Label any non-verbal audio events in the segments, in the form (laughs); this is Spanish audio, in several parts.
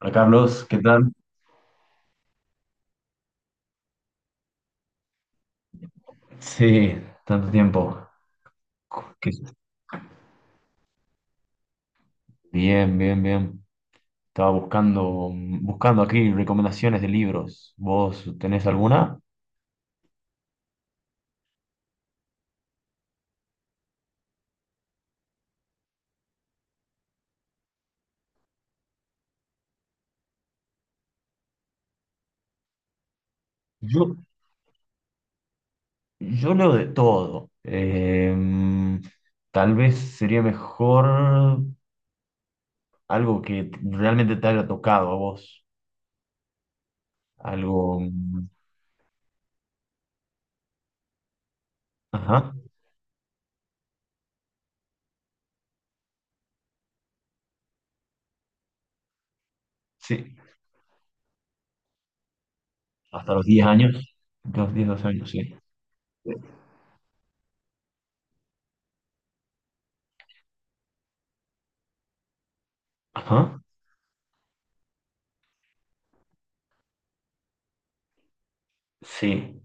Hola Carlos, ¿qué tal? Sí, tanto tiempo. ¿Qué- Bien, bien, bien. Estaba buscando aquí recomendaciones de libros. ¿Vos tenés alguna? Yo, yo leo de todo. Tal vez sería mejor algo que realmente te haya tocado a vos. Algo. Ajá, sí. Hasta los 10 años. Los diez 12 años, sí. Ajá, sí.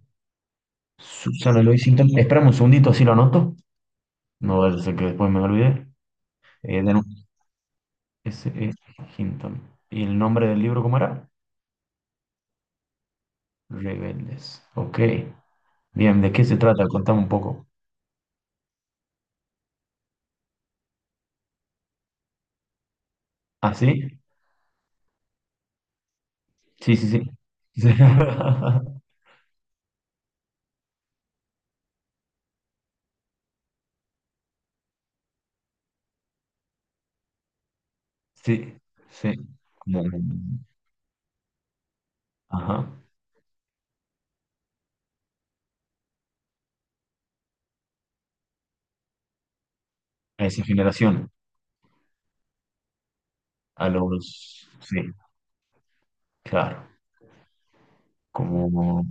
Susana Loisington. Esperame un segundito, así lo anoto. No, vaya a ese que después me olvidé. De nuevo, S.E. Hinton. ¿Y el nombre del libro cómo era? Rebeldes. Ok. Bien, ¿de qué se trata? Contame un poco. ¿Ah, sí? Sí, sí, sí. Sí, (laughs) sí. Sí. Como- Ajá. A esa generación. A los... Sí, claro. Como...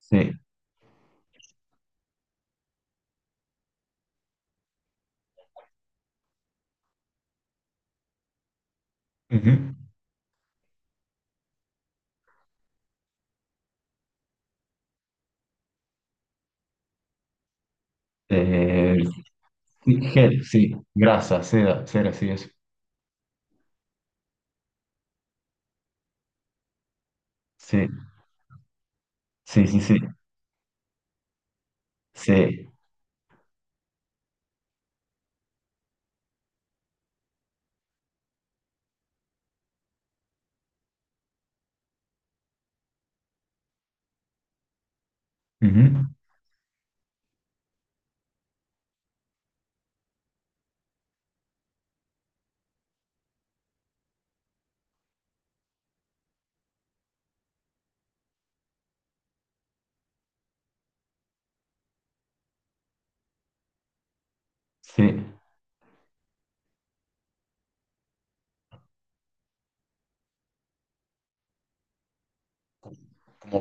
Sí. Ujú. Eh, Sí, gel, sí, grasa, seda, cera, sí, eso. Sí, sí, sí, sí, sí. Ujú. Sí,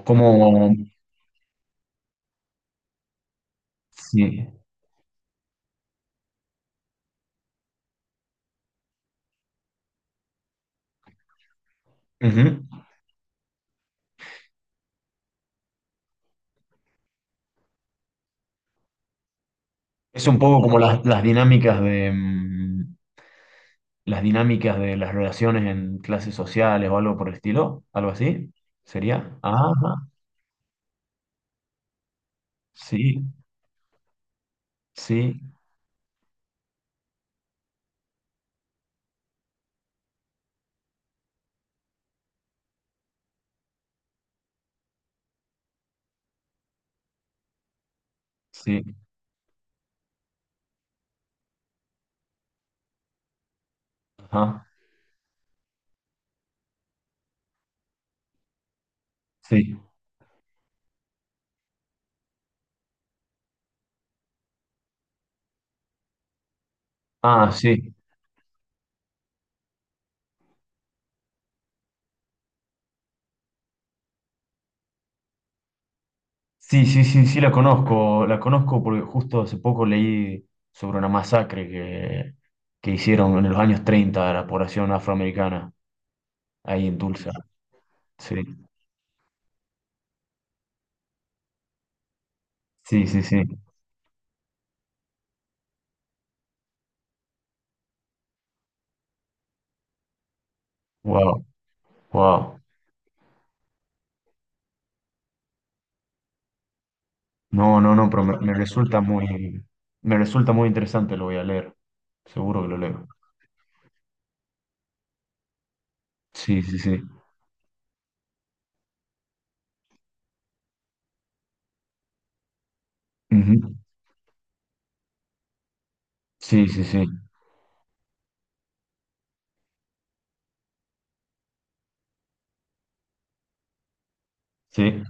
como, como, sí. Ujú. Es un poco como las dinámicas de las dinámicas de las relaciones en clases sociales o algo por el estilo, algo así, sería. Ajá, sí, sí, sí, ajá, sí. Ah, sí. Sí, sí, sí, sí la conozco porque justo hace poco leí sobre una masacre que hicieron en los años 30 a la población afroamericana ahí en Tulsa. Sí, sí, sí, sí. Wow. Wow. No, no, no, pero me resulta muy, me resulta muy interesante, lo voy a leer. Seguro que lo leo. Sí, sí, sí. Ujú. Sí, sí, sí. Sí.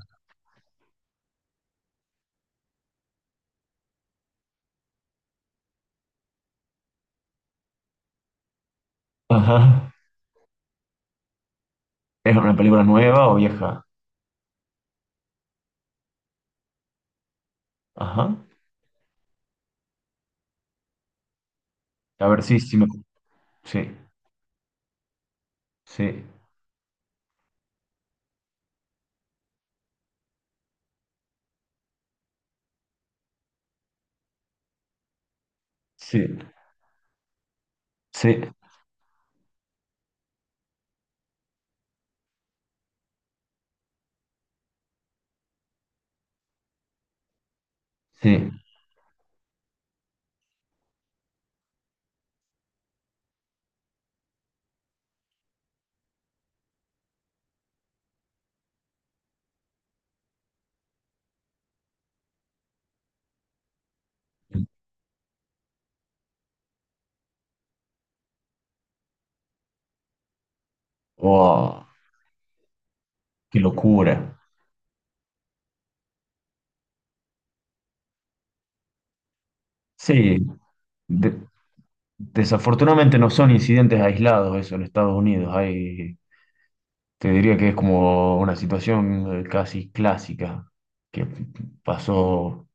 Ajá. ¿Es una película nueva o vieja? Ajá. A ver, sí, sí me. Sí, sí, sí, sí, sí. Wow, qué locura. Sí. De- desafortunadamente no son incidentes aislados eso en Estados Unidos. Hay, te diría que es como una situación casi clásica que pasó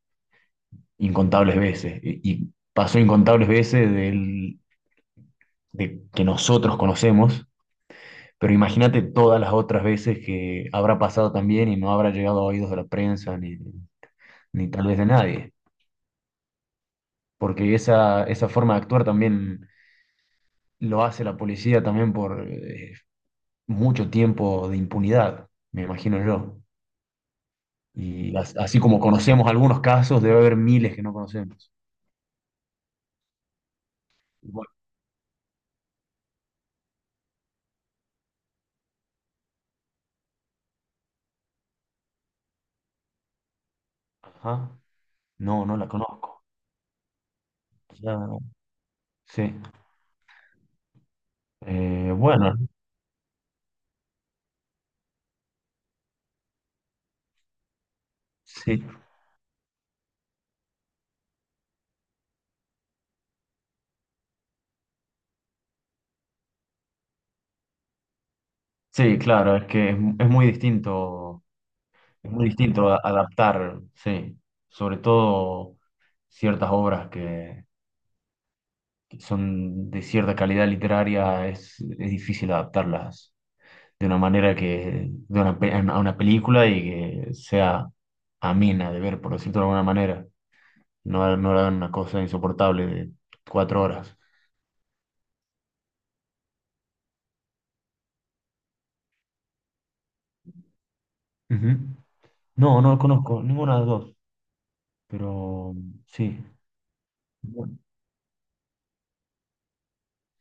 incontables veces y pasó incontables veces del- de que nosotros conocemos, pero imagínate todas las otras veces que habrá pasado también y no habrá llegado a oídos de la prensa ni, ni tal vez de nadie, porque esa forma de actuar también lo hace la policía también por mucho tiempo de impunidad, me imagino yo. Y as- así como conocemos algunos casos, debe haber miles que no conocemos. Y bueno, ajá, no, no la conozco. Claro. Sí. Bueno, sí. Sí, claro, es que es muy distinto, es muy distinto a- adaptar, sí. Sobre todo ciertas obras que son de cierta calidad literaria, es difícil adaptarlas de una manera que, de una, pe- a una película y que sea amena de ver, por decirlo de alguna manera. No, no era una cosa insoportable de 4 horas. Ujú. No, no conozco ninguna de las dos, pero sí. Bueno,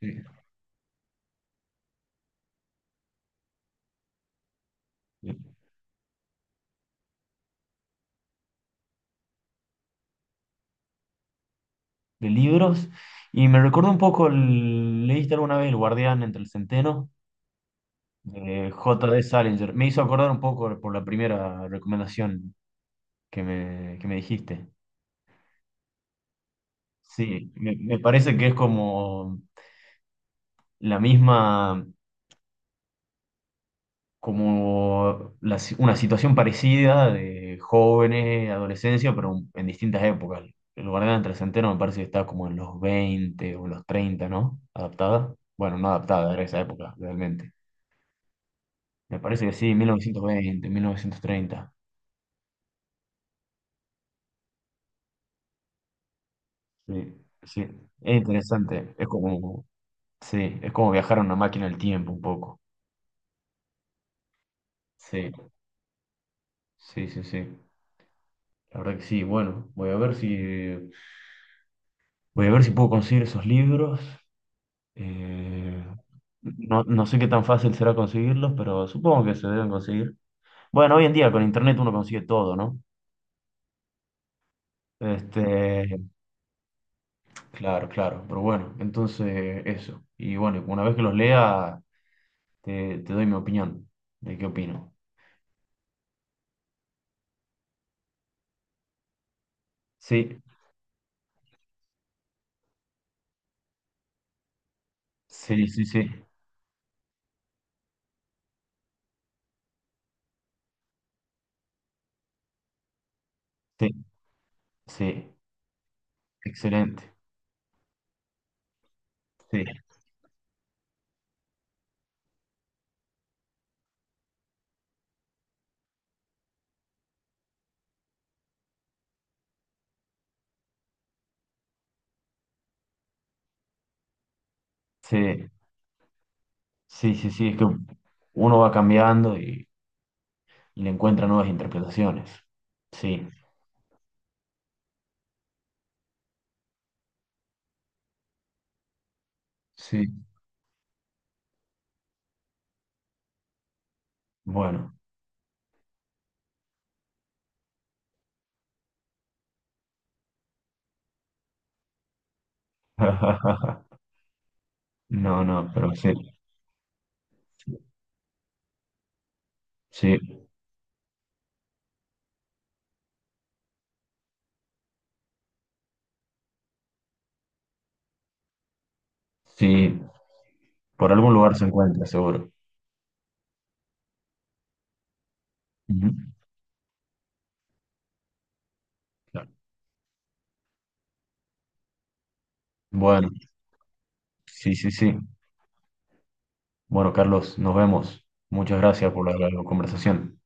sí. De, de libros. Y me recuerda un poco, el- ¿leíste alguna vez El Guardián entre el Centeno? De J. D. Salinger. Me hizo acordar un poco por la primera recomendación que me dijiste. Sí, me parece que es como la misma. Como la si- una situación parecida de jóvenes, adolescencia, pero en distintas épocas. El guardián del centeno me parece que está como en los 20 o los 30, ¿no? Adaptada. Bueno, no adaptada, era esa época, realmente. Me parece que sí, mil novecientos veinte 1930. Sí, sí. Es interesante. Es como, sí, es como viajar a una máquina del tiempo un poco. Sí, sí, sí, sí. La verdad que sí. Bueno, voy a ver si, voy a ver si puedo conseguir esos libros. Eh, no, no sé qué tan fácil será conseguirlos, pero supongo que se deben conseguir. Bueno, hoy en día con internet uno consigue todo, ¿no? Este, claro, claro, pero bueno, entonces eso. Y bueno, una vez que los lea, te doy mi opinión de qué opino. Sí, sí, sí, sí, sí, sí, excelente. Sí, sí, sí, sí, sí, es que uno va cambiando y le encuentra nuevas interpretaciones. Sí, sí, bueno. (laughs) No, no, pero sí, sí, sí, por algún lugar se encuentra, seguro. Ujú. Claro. Bueno, sí, sí, sí. Bueno, Carlos, nos vemos. Muchas gracias por la conversación.